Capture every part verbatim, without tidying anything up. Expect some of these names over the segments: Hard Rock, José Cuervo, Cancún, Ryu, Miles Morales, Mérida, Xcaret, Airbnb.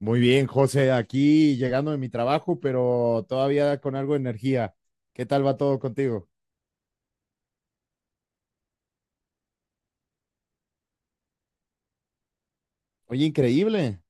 Muy bien, José, aquí llegando de mi trabajo, pero todavía con algo de energía. ¿Qué tal va todo contigo? Oye, increíble.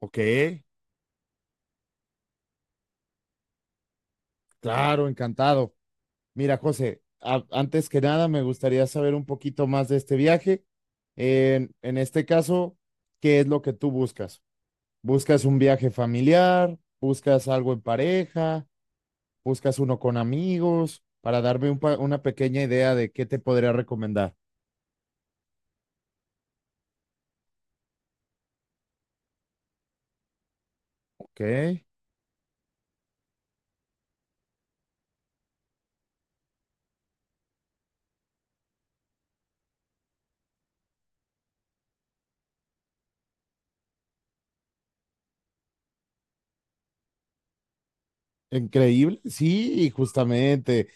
Ok, claro, encantado. Mira, José, a- antes que nada me gustaría saber un poquito más de este viaje. En, en este caso, ¿qué es lo que tú buscas? ¿Buscas un viaje familiar? ¿Buscas algo en pareja? ¿Buscas uno con amigos? Para darme un pa- una pequeña idea de qué te podría recomendar. Ok. Increíble, sí, justamente.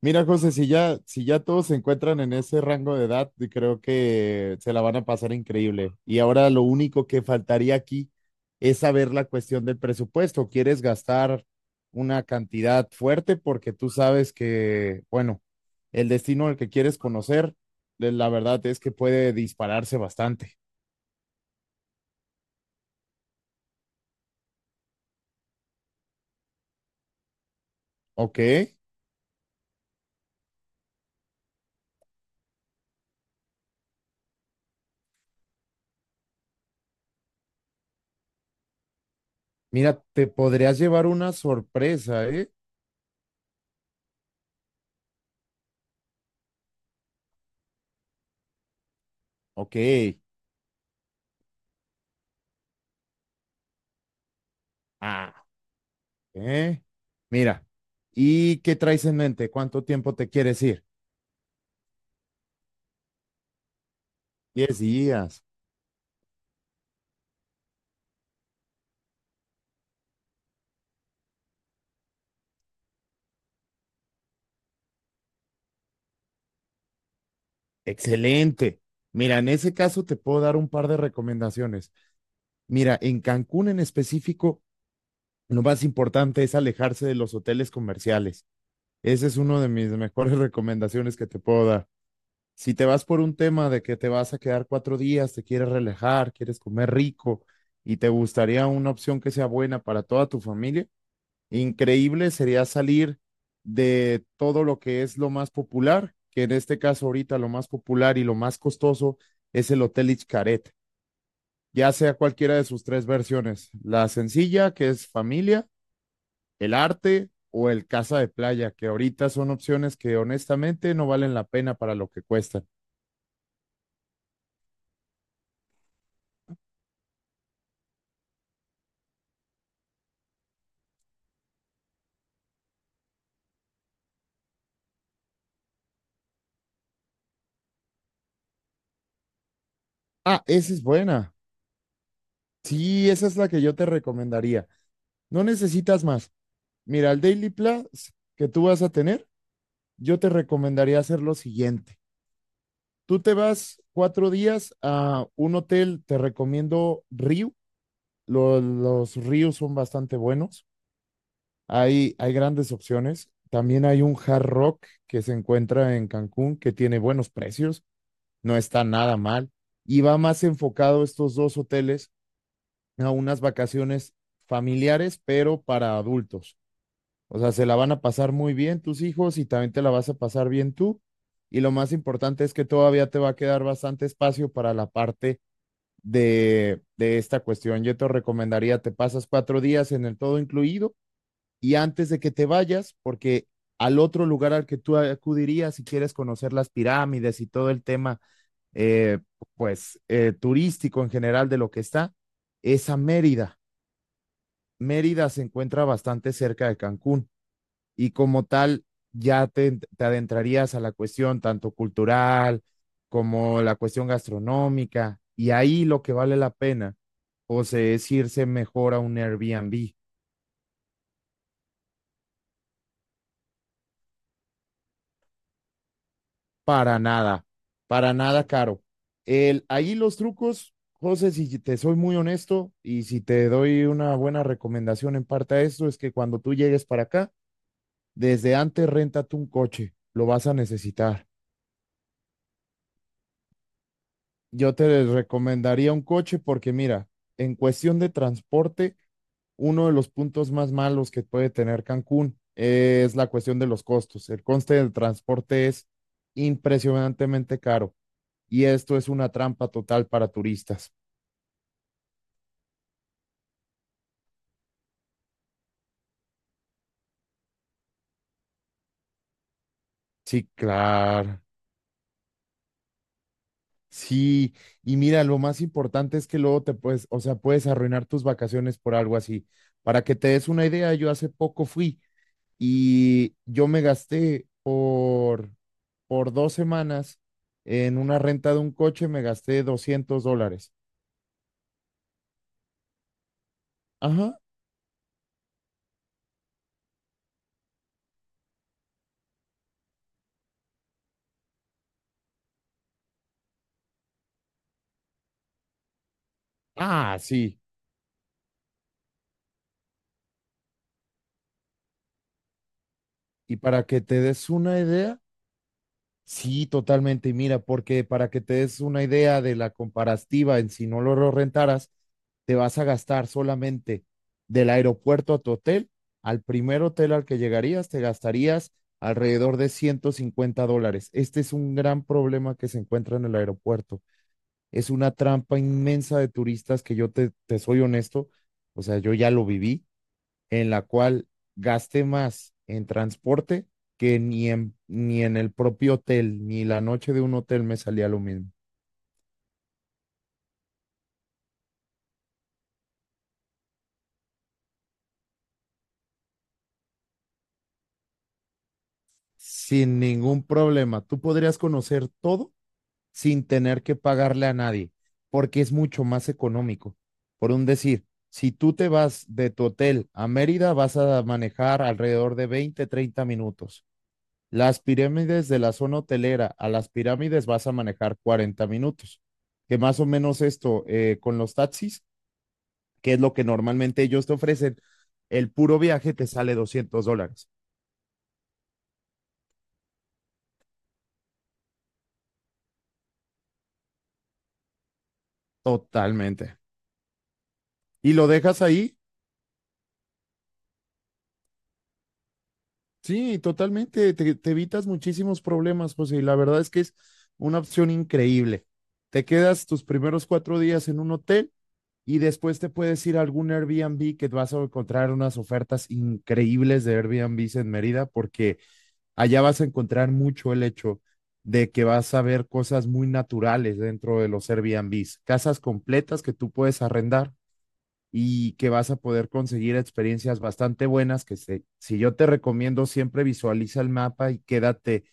Mira, José, si ya, si ya todos se encuentran en ese rango de edad, y creo que se la van a pasar increíble. Y ahora lo único que faltaría aquí es saber la cuestión del presupuesto. ¿Quieres gastar una cantidad fuerte? Porque tú sabes que, bueno, el destino al que quieres conocer, eh, la verdad es que puede dispararse bastante. Ok, mira, te podrías llevar una sorpresa, ¿eh? Ok. Ah, Eh, mira, ¿y qué traes en mente? ¿Cuánto tiempo te quieres ir? Diez días. Excelente. Mira, en ese caso te puedo dar un par de recomendaciones. Mira, en Cancún en específico, lo más importante es alejarse de los hoteles comerciales. Esa es una de mis mejores recomendaciones que te puedo dar. Si te vas por un tema de que te vas a quedar cuatro días, te quieres relajar, quieres comer rico y te gustaría una opción que sea buena para toda tu familia, increíble sería salir de todo lo que es lo más popular, que en este caso ahorita lo más popular y lo más costoso es el Hotel Xcaret, ya sea cualquiera de sus tres versiones, la sencilla, que es familia, el arte o el casa de playa, que ahorita son opciones que honestamente no valen la pena para lo que cuestan. Ah, esa es buena. Sí, esa es la que yo te recomendaría. No necesitas más. Mira, el Daily Plus que tú vas a tener, yo te recomendaría hacer lo siguiente. Tú te vas cuatro días a un hotel, te recomiendo Ryu. Lo- los Ryu son bastante buenos. Hay, hay grandes opciones. También hay un Hard Rock que se encuentra en Cancún que tiene buenos precios, no está nada mal. Y va más enfocado estos dos hoteles a unas vacaciones familiares, pero para adultos. O sea, se la van a pasar muy bien tus hijos y también te la vas a pasar bien tú. Y lo más importante es que todavía te va a quedar bastante espacio para la parte de, de esta cuestión. Yo te recomendaría, te pasas cuatro días en el todo incluido y antes de que te vayas, porque al otro lugar al que tú acudirías si quieres conocer las pirámides y todo el tema, eh, pues, eh, turístico en general de lo que está, es a Mérida. Mérida se encuentra bastante cerca de Cancún y como tal ya te, te adentrarías a la cuestión tanto cultural como la cuestión gastronómica y ahí lo que vale la pena pues es irse mejor a un Airbnb. Para nada, para nada caro. El, ahí los trucos, José, si te soy muy honesto y si te doy una buena recomendación en parte a esto, es que cuando tú llegues para acá, desde antes renta tú un coche, lo vas a necesitar. Yo te recomendaría un coche porque mira, en cuestión de transporte, uno de los puntos más malos que puede tener Cancún es la cuestión de los costos. El coste del transporte es impresionantemente caro y esto es una trampa total para turistas. Sí, claro. Sí, y mira, lo más importante es que luego te puedes, o sea, puedes arruinar tus vacaciones por algo así. Para que te des una idea, yo hace poco fui y yo me gasté por, por dos semanas en una renta de un coche, me gasté doscientos dólares. Ajá. Ah, sí. Y para que te des una idea, sí, totalmente. Y mira, porque para que te des una idea de la comparativa en si no lo rentaras, te vas a gastar solamente del aeropuerto a tu hotel, al primer hotel al que llegarías, te gastarías alrededor de ciento cincuenta dólares. Este es un gran problema que se encuentra en el aeropuerto. Es una trampa inmensa de turistas que yo te, te soy honesto, o sea, yo ya lo viví, en la cual gasté más en transporte que ni en, ni en el propio hotel, ni la noche de un hotel me salía lo mismo. Sin ningún problema, tú podrías conocer todo sin tener que pagarle a nadie, porque es mucho más económico. Por un decir, si tú te vas de tu hotel a Mérida, vas a manejar alrededor de veinte, treinta minutos. Las pirámides de la zona hotelera a las pirámides vas a manejar cuarenta minutos, que más o menos esto eh, con los taxis, que es lo que normalmente ellos te ofrecen, el puro viaje te sale doscientos dólares. Totalmente. Y lo dejas ahí, sí, totalmente. Te, te evitas muchísimos problemas, José, y la verdad es que es una opción increíble. Te quedas tus primeros cuatro días en un hotel. Y después te puedes ir a algún Airbnb que vas a encontrar unas ofertas increíbles de Airbnb en Mérida, porque allá vas a encontrar mucho el hecho de que vas a ver cosas muy naturales dentro de los Airbnbs, casas completas que tú puedes arrendar y que vas a poder conseguir experiencias bastante buenas, que se, si yo te recomiendo, siempre visualiza el mapa y quédate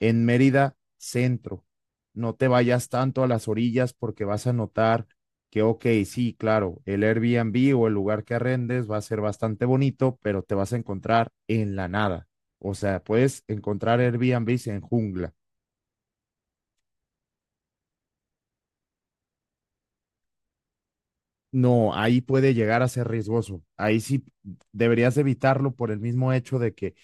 en Mérida centro. No te vayas tanto a las orillas porque vas a notar que, ok, sí, claro, el Airbnb o el lugar que arrendes va a ser bastante bonito, pero te vas a encontrar en la nada. O sea, puedes encontrar Airbnbs en jungla. No, ahí puede llegar a ser riesgoso. Ahí sí deberías evitarlo por el mismo hecho de que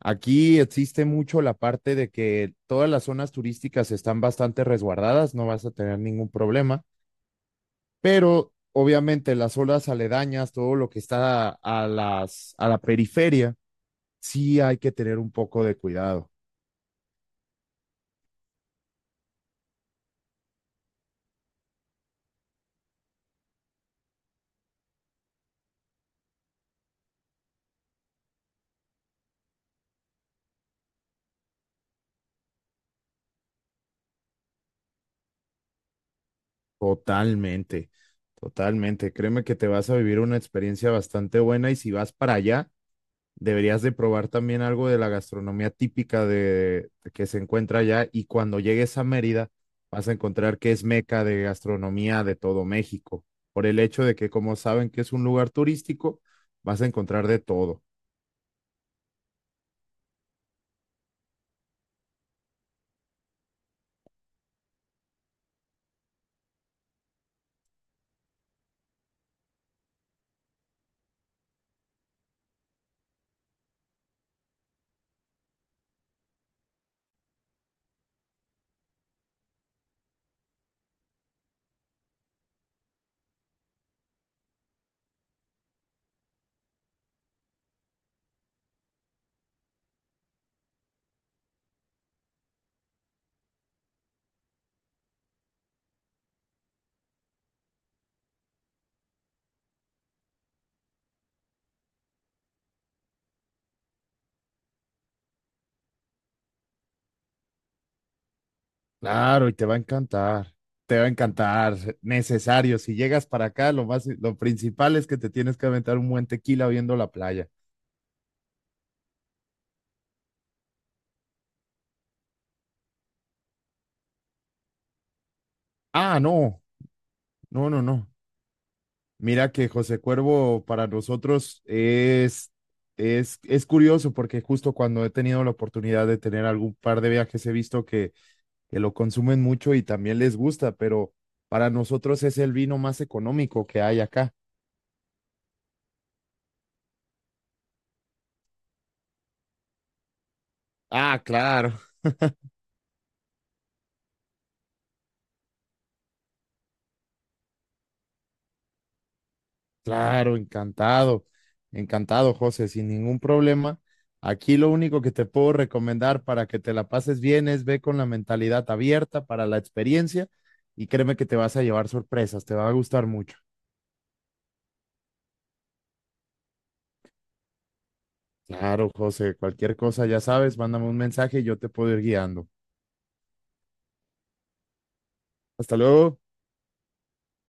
aquí existe mucho la parte de que todas las zonas turísticas están bastante resguardadas, no vas a tener ningún problema, pero obviamente las zonas aledañas, todo lo que está a las a la periferia, sí hay que tener un poco de cuidado. Totalmente, totalmente. Créeme que te vas a vivir una experiencia bastante buena y si vas para allá, deberías de probar también algo de la gastronomía típica de, que se encuentra allá y cuando llegues a Mérida vas a encontrar que es meca de gastronomía de todo México, por el hecho de que como saben que es un lugar turístico, vas a encontrar de todo. Claro, y te va a encantar. Te va a encantar, necesario. Si llegas para acá, lo más, lo principal es que te tienes que aventar un buen tequila viendo la playa. Ah, no, no, no, no. Mira que José Cuervo para nosotros es, es, es curioso porque justo cuando he tenido la oportunidad de tener algún par de viajes he visto que, que lo consumen mucho y también les gusta, pero para nosotros es el vino más económico que hay acá. Ah, claro. Claro, encantado, encantado, José, sin ningún problema. Aquí lo único que te puedo recomendar para que te la pases bien es ve con la mentalidad abierta para la experiencia y créeme que te vas a llevar sorpresas, te va a gustar mucho. Claro, José, cualquier cosa, ya sabes, mándame un mensaje y yo te puedo ir guiando. Hasta luego.